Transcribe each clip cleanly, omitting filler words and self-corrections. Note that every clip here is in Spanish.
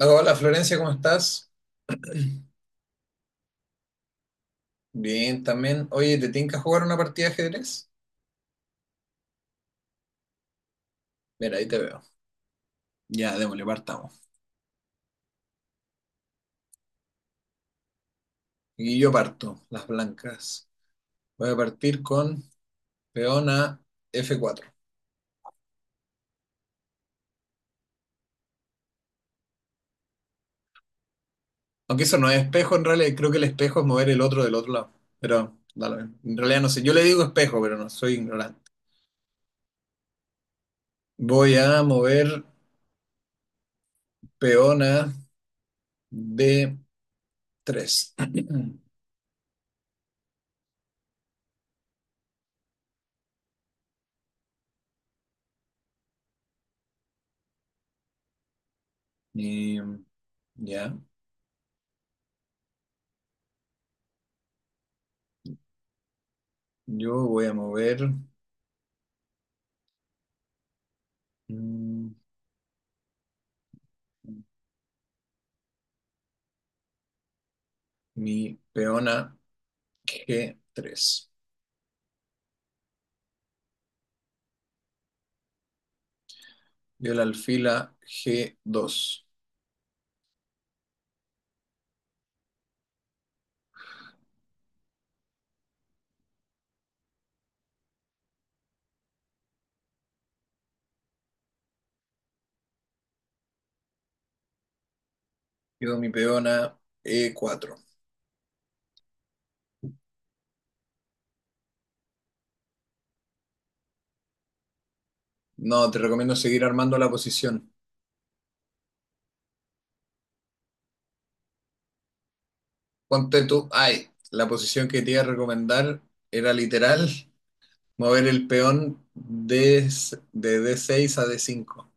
Hola Florencia, ¿cómo estás? Bien, también. Oye, ¿te tinca jugar una partida de ajedrez? Mira, ahí te veo. Ya, démosle, partamos. Y yo parto, las blancas. Voy a partir con peón a f4. Aunque eso no es espejo, en realidad creo que el espejo es mover el otro del otro lado. Pero, dale, en realidad no sé. Yo le digo espejo, pero no, soy ignorante. Voy a mover peón a d3. Y, ya, yo voy a mover, mm, mi peona g3. Dio el alfil a G2. Quedó mi peona e4. No, te recomiendo seguir armando la posición. Ponte tú, ay, la posición que te iba a recomendar era literal mover el peón de d6 a d5,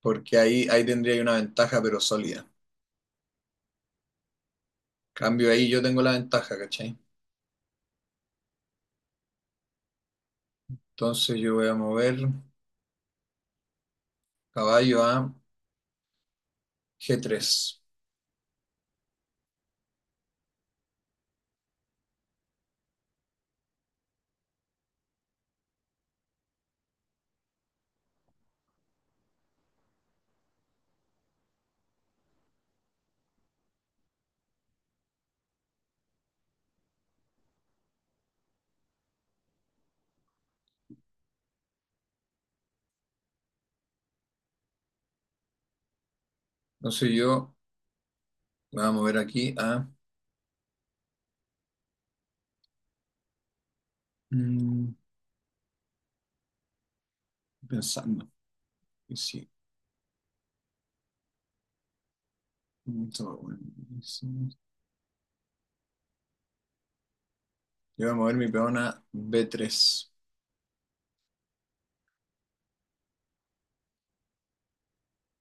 porque ahí tendría una ventaja, pero sólida. Cambio ahí, yo tengo la ventaja, ¿cachai? Entonces yo voy a mover caballo a g3. Entonces yo voy a mover aquí a... Mm, pensando. Y sí, mucho, bueno, eso. Yo voy a mover mi peona B3.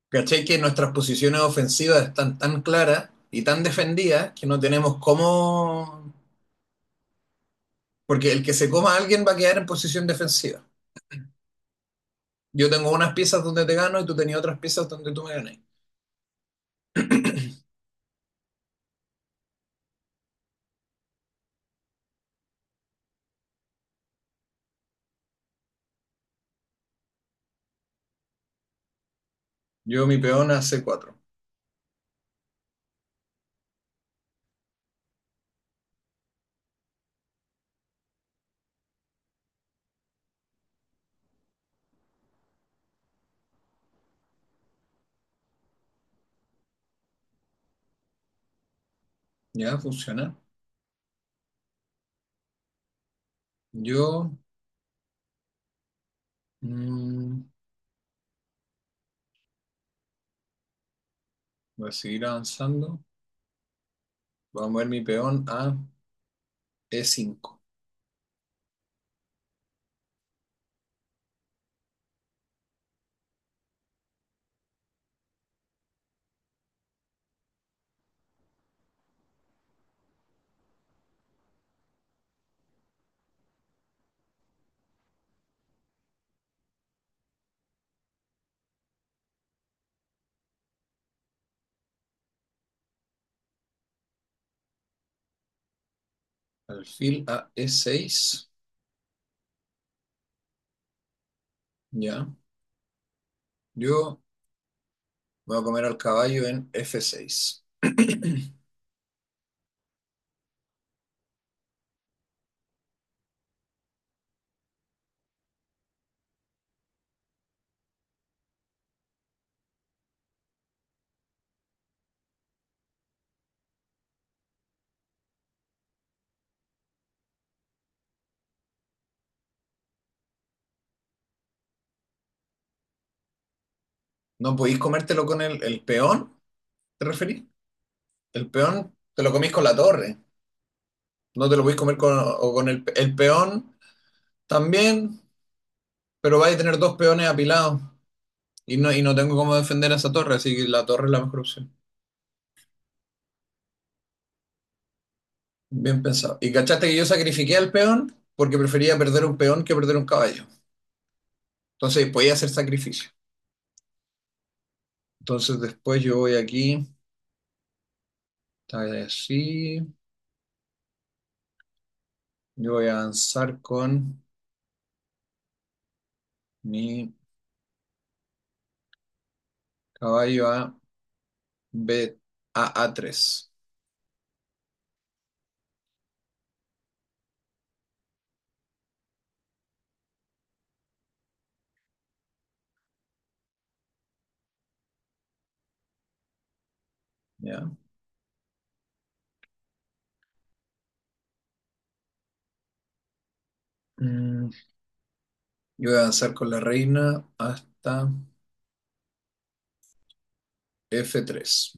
¿Cachai que nuestras posiciones ofensivas están tan claras y tan defendidas que no tenemos cómo... Porque el que se coma a alguien va a quedar en posición defensiva. Yo tengo unas piezas donde te gano y tú tenías otras piezas donde tú me ganas. Yo mi peona C4. Ya, funciona. Yo, mm, voy a seguir avanzando. Voy a mover mi peón a E5. Alfil a E6. Ya. Yo voy a comer al caballo en F6. ¿No podéis comértelo con el peón? ¿Te referís? El peón te lo comís con la torre. No te lo podéis comer con, o con el peón también, pero vais a tener dos peones apilados. Y no tengo cómo defender a esa torre, así que la torre es la mejor opción. Bien pensado. ¿Y cachaste que yo sacrifiqué al peón? Porque prefería perder un peón que perder un caballo. Entonces podía hacer sacrificio. Entonces después yo voy aquí, está así. Yo voy a avanzar con mi caballo a B, a A3. ¿Ya? Mm, yo voy a avanzar con la reina hasta f3.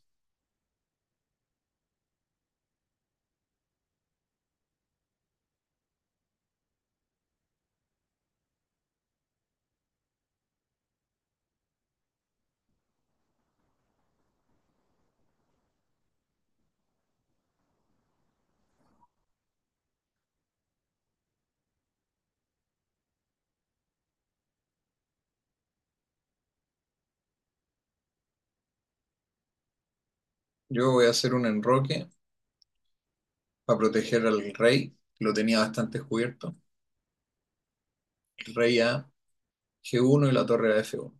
Yo voy a hacer un enroque para proteger al rey, que lo tenía bastante cubierto. El rey a g1 y la torre a f1.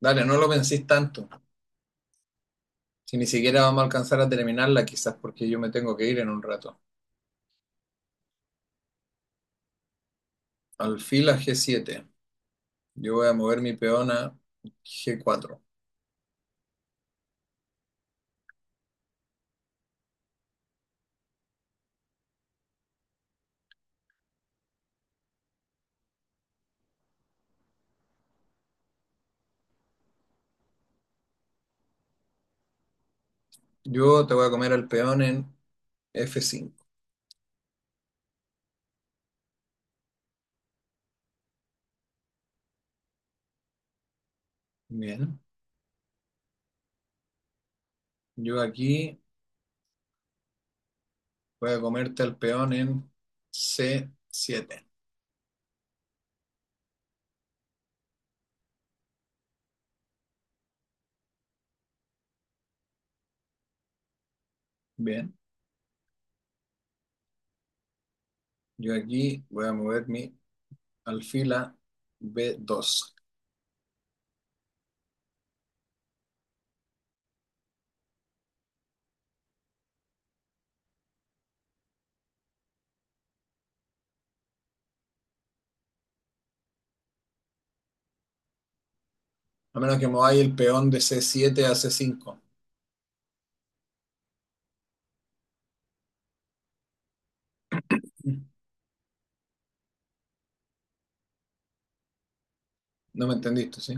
Dale, no lo penséis tanto. Si ni siquiera vamos a alcanzar a terminarla, quizás porque yo me tengo que ir en un rato. Alfil a g7. Yo voy a mover mi peón a g4. Yo te voy a comer al peón en f5. Bien. Yo aquí voy a comerte al peón en c7. Bien. Yo aquí voy a mover mi alfil a b2. A menos que mováis el peón de c7 a c5. No me entendiste, ¿sí?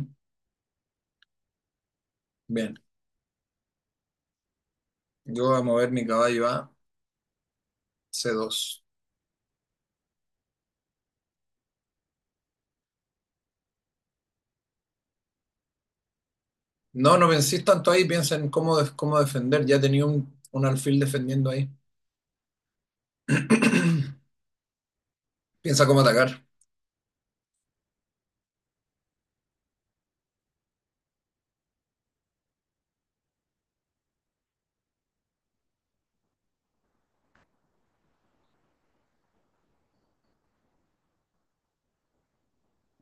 Bien. Yo voy a mover mi caballo a c2. No, no penséis tanto ahí, piensa en cómo, cómo defender. Ya tenía un alfil defendiendo ahí. Piensa cómo atacar.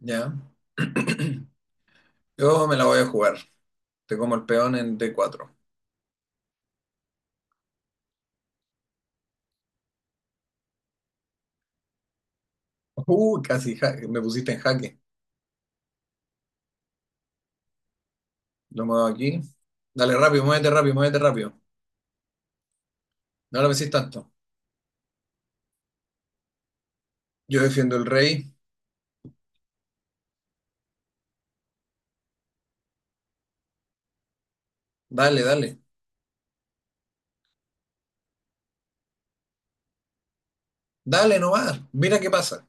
Ya. Yo me la voy a jugar. Te como el peón en D4. Casi me pusiste en jaque. Lo muevo aquí. Dale rápido, muévete rápido, muévete rápido. No lo pensís tanto. Yo defiendo el rey. Dale, dale. Dale nomás. Mira qué pasa.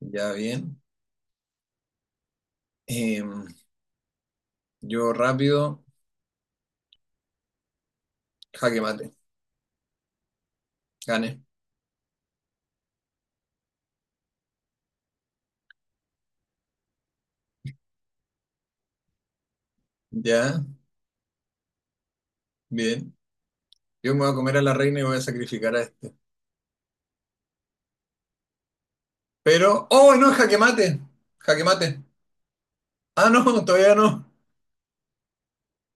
Ya, bien. Em, yo rápido. Jaque mate. Gane. Ya, bien. Yo me voy a comer a la reina y voy a sacrificar a este. Pero... ¡Oh, no! Jaque mate. Jaque mate. Ah, no, todavía no.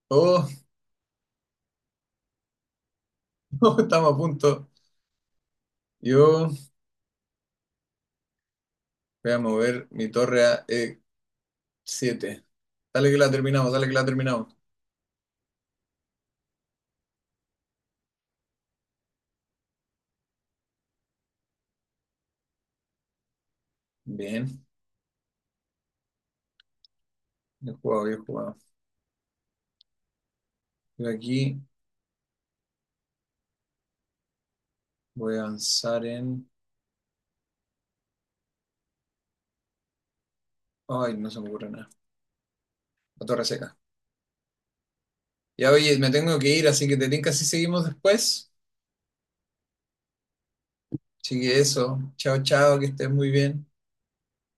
Oh, no, estamos a punto. Yo. Voy a mover mi torre a e7. Dale que la terminamos, dale que la terminamos. Bien, bien jugado, bien jugado. Yo aquí voy a avanzar en... Ay, no se me ocurre nada. La torre seca. Ya, oye, me tengo que ir, así que te tinca si seguimos después. Así que eso. Chao, chao, que estés muy bien.